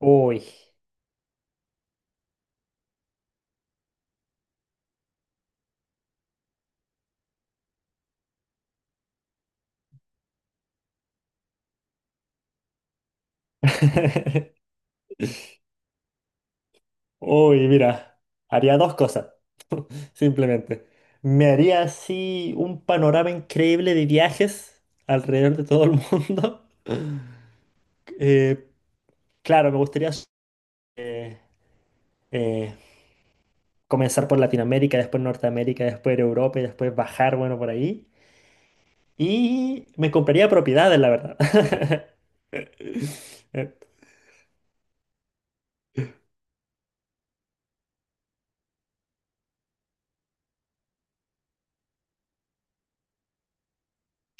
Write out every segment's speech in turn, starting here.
Uy. Uy, mira, haría dos cosas, simplemente. Me haría así un panorama increíble de viajes alrededor de todo el mundo. Eh, claro, me gustaría eh, eh, comenzar por Latinoamérica, después Norteamérica, después Europa y después bajar, bueno, por ahí. Y me compraría propiedades, la verdad. Eh,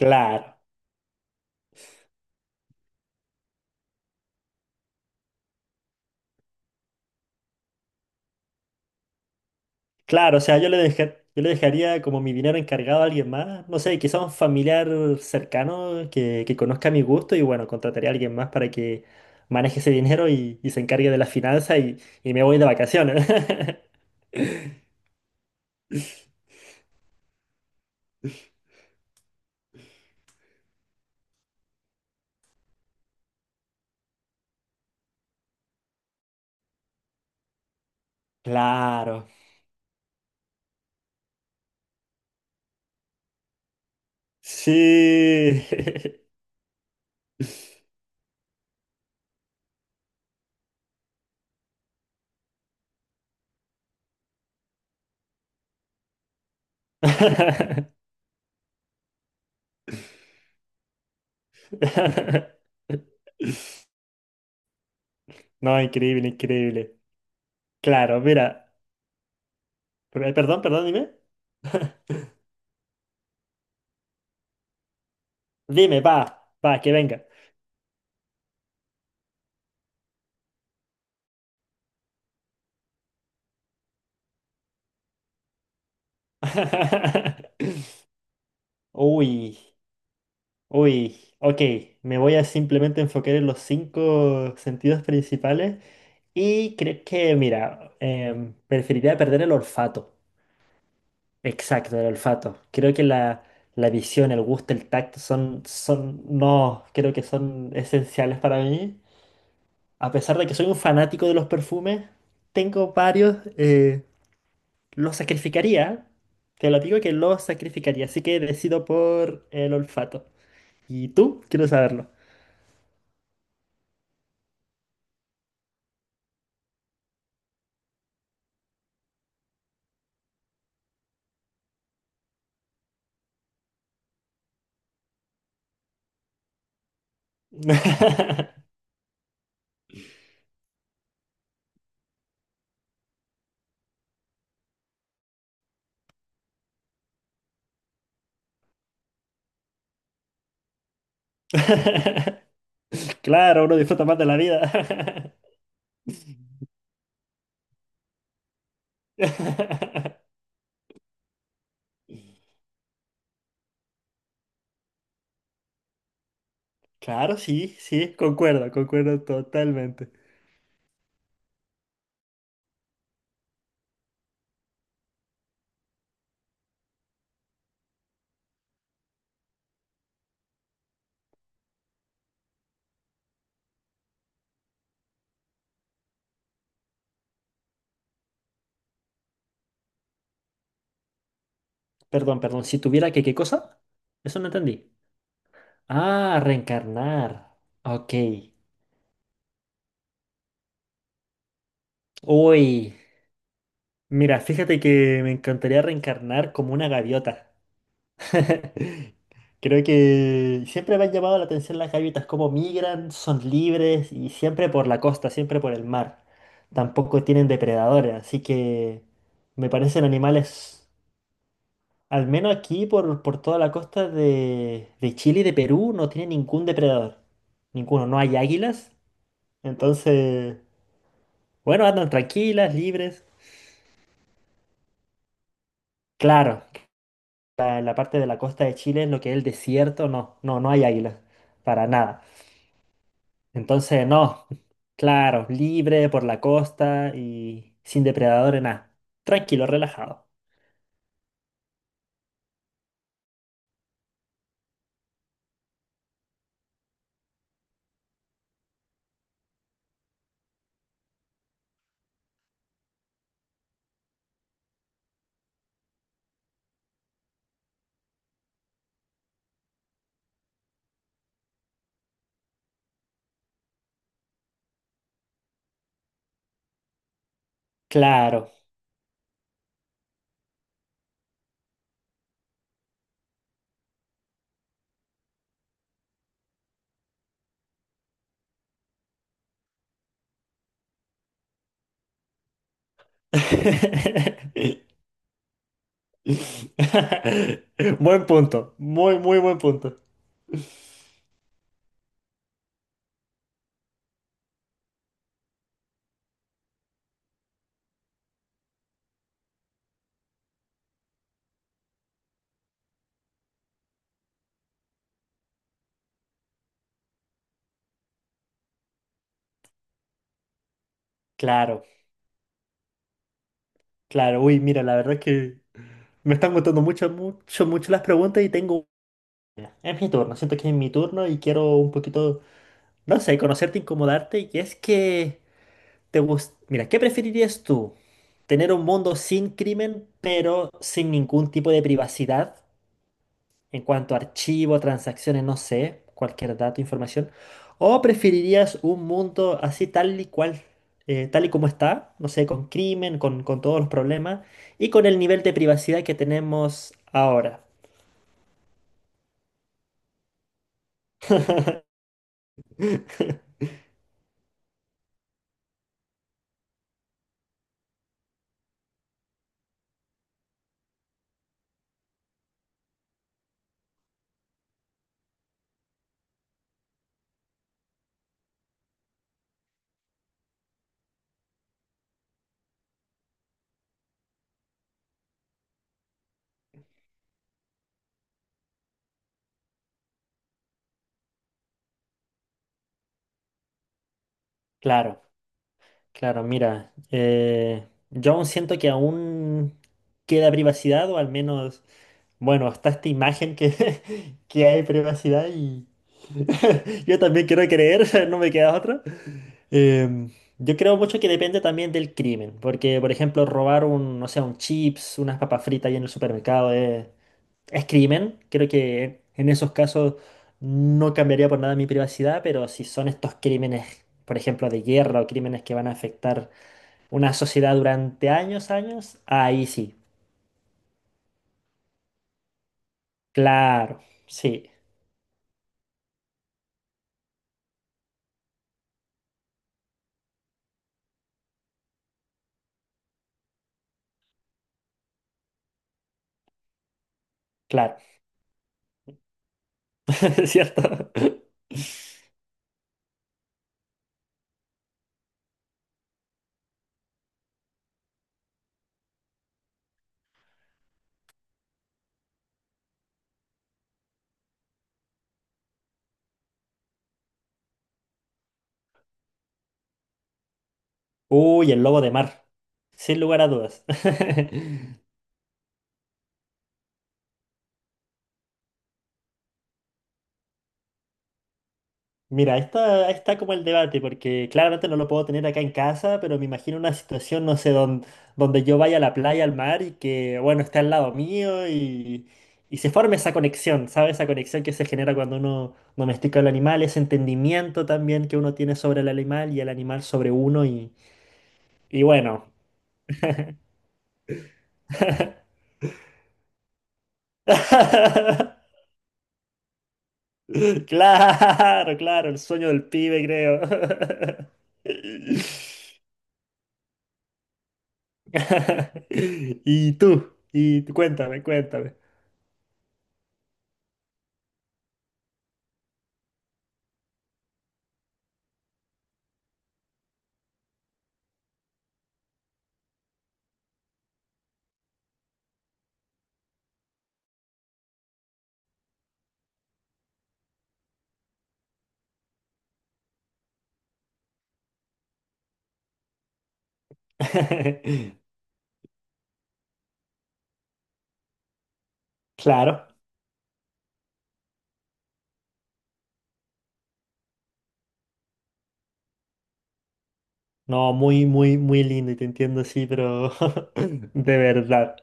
Claro. Claro, o sea, yo le dejaría como mi dinero encargado a alguien más, no sé, quizá un familiar cercano que conozca mi gusto y bueno, contrataría a alguien más para que maneje ese dinero y se encargue de la finanza y me voy de vacaciones. Claro, sí. No, increíble, increíble. Claro, mira, perdón, dime. Dime, va, va, que venga. Uy. Uy, ok, me voy a simplemente enfocar en los cinco sentidos principales y creo que, mira, preferiría perder el olfato. Exacto, el olfato. Creo que la visión, el gusto, el tacto son, no, creo que son esenciales para mí. A pesar de que soy un fanático de los perfumes, tengo varios, los sacrificaría. Te lo digo que los sacrificaría, así que decido por el olfato. ¿Y tú? Quiero saberlo. Claro, uno disfruta más de la vida. Claro, sí, sí, concuerdo, concuerdo totalmente. Perdón, perdón, si tuviera que, ¿qué cosa? Eso no entendí. Ah, reencarnar. Ok. Uy, mira, fíjate que me encantaría reencarnar como una gaviota. Creo que siempre me han llamado la atención las gaviotas, cómo migran, son libres y siempre por la costa, siempre por el mar. Tampoco tienen depredadores, así que me parecen animales, al menos aquí por toda la costa de Chile y de Perú, no tienen ningún depredador. Ninguno, no hay águilas. Entonces, bueno, andan tranquilas, libres. Claro, la parte de la costa de Chile, en lo que es el desierto, no, no, no hay águilas, para nada. Entonces, no, claro, libre por la costa y sin depredadores, nada. Tranquilo, relajado. Claro. Buen punto, muy, muy buen punto. Claro, claro. Uy, mira, la verdad es que me están gustando mucho, mucho, mucho las preguntas y tengo... Mira, es mi turno, siento que es mi turno y quiero un poquito, no sé, conocerte, incomodarte y es que... Mira, ¿qué preferirías tú? ¿Tener un mundo sin crimen, pero sin ningún tipo de privacidad en cuanto a archivo, transacciones, no sé, cualquier dato, información? ¿O preferirías un mundo así tal y cual, tal y como está, no sé, con crimen, con todos los problemas y con el nivel de privacidad que tenemos ahora? Claro. Claro, mira, yo aún siento que aún queda privacidad, o al menos, bueno, hasta esta imagen que hay privacidad y yo también quiero creer, no me queda otra. Em, yo creo mucho que depende también del crimen, porque, por ejemplo, robar un, no sé, un chips, unas papas fritas ahí en el supermercado es crimen. Creo que en esos casos no cambiaría por nada mi privacidad, pero si son estos crímenes, por ejemplo, de guerra o crímenes que van a afectar una sociedad durante años, años. Ahí sí. Claro. Sí, claro. ¿Es cierto? Uy, el lobo de mar. Sin lugar a dudas. Mira, ahí está como el debate, porque claramente no lo puedo tener acá en casa, pero me imagino una situación, no sé, donde yo vaya a la playa, al mar y que, bueno, esté al lado mío y se forme esa conexión, ¿sabes? Esa conexión que se genera cuando uno domestica al animal, ese entendimiento también que uno tiene sobre el animal y el animal sobre uno. Y bueno. Claro, claro, el sueño del pibe, creo. Y tú, cuéntame, cuéntame. Claro, no, muy, muy, muy lindo y te entiendo, sí, pero de verdad.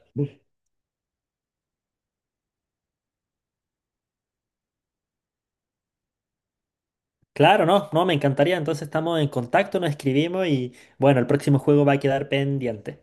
Claro, no, no, me encantaría. Entonces estamos en contacto, nos escribimos y bueno, el próximo juego va a quedar pendiente.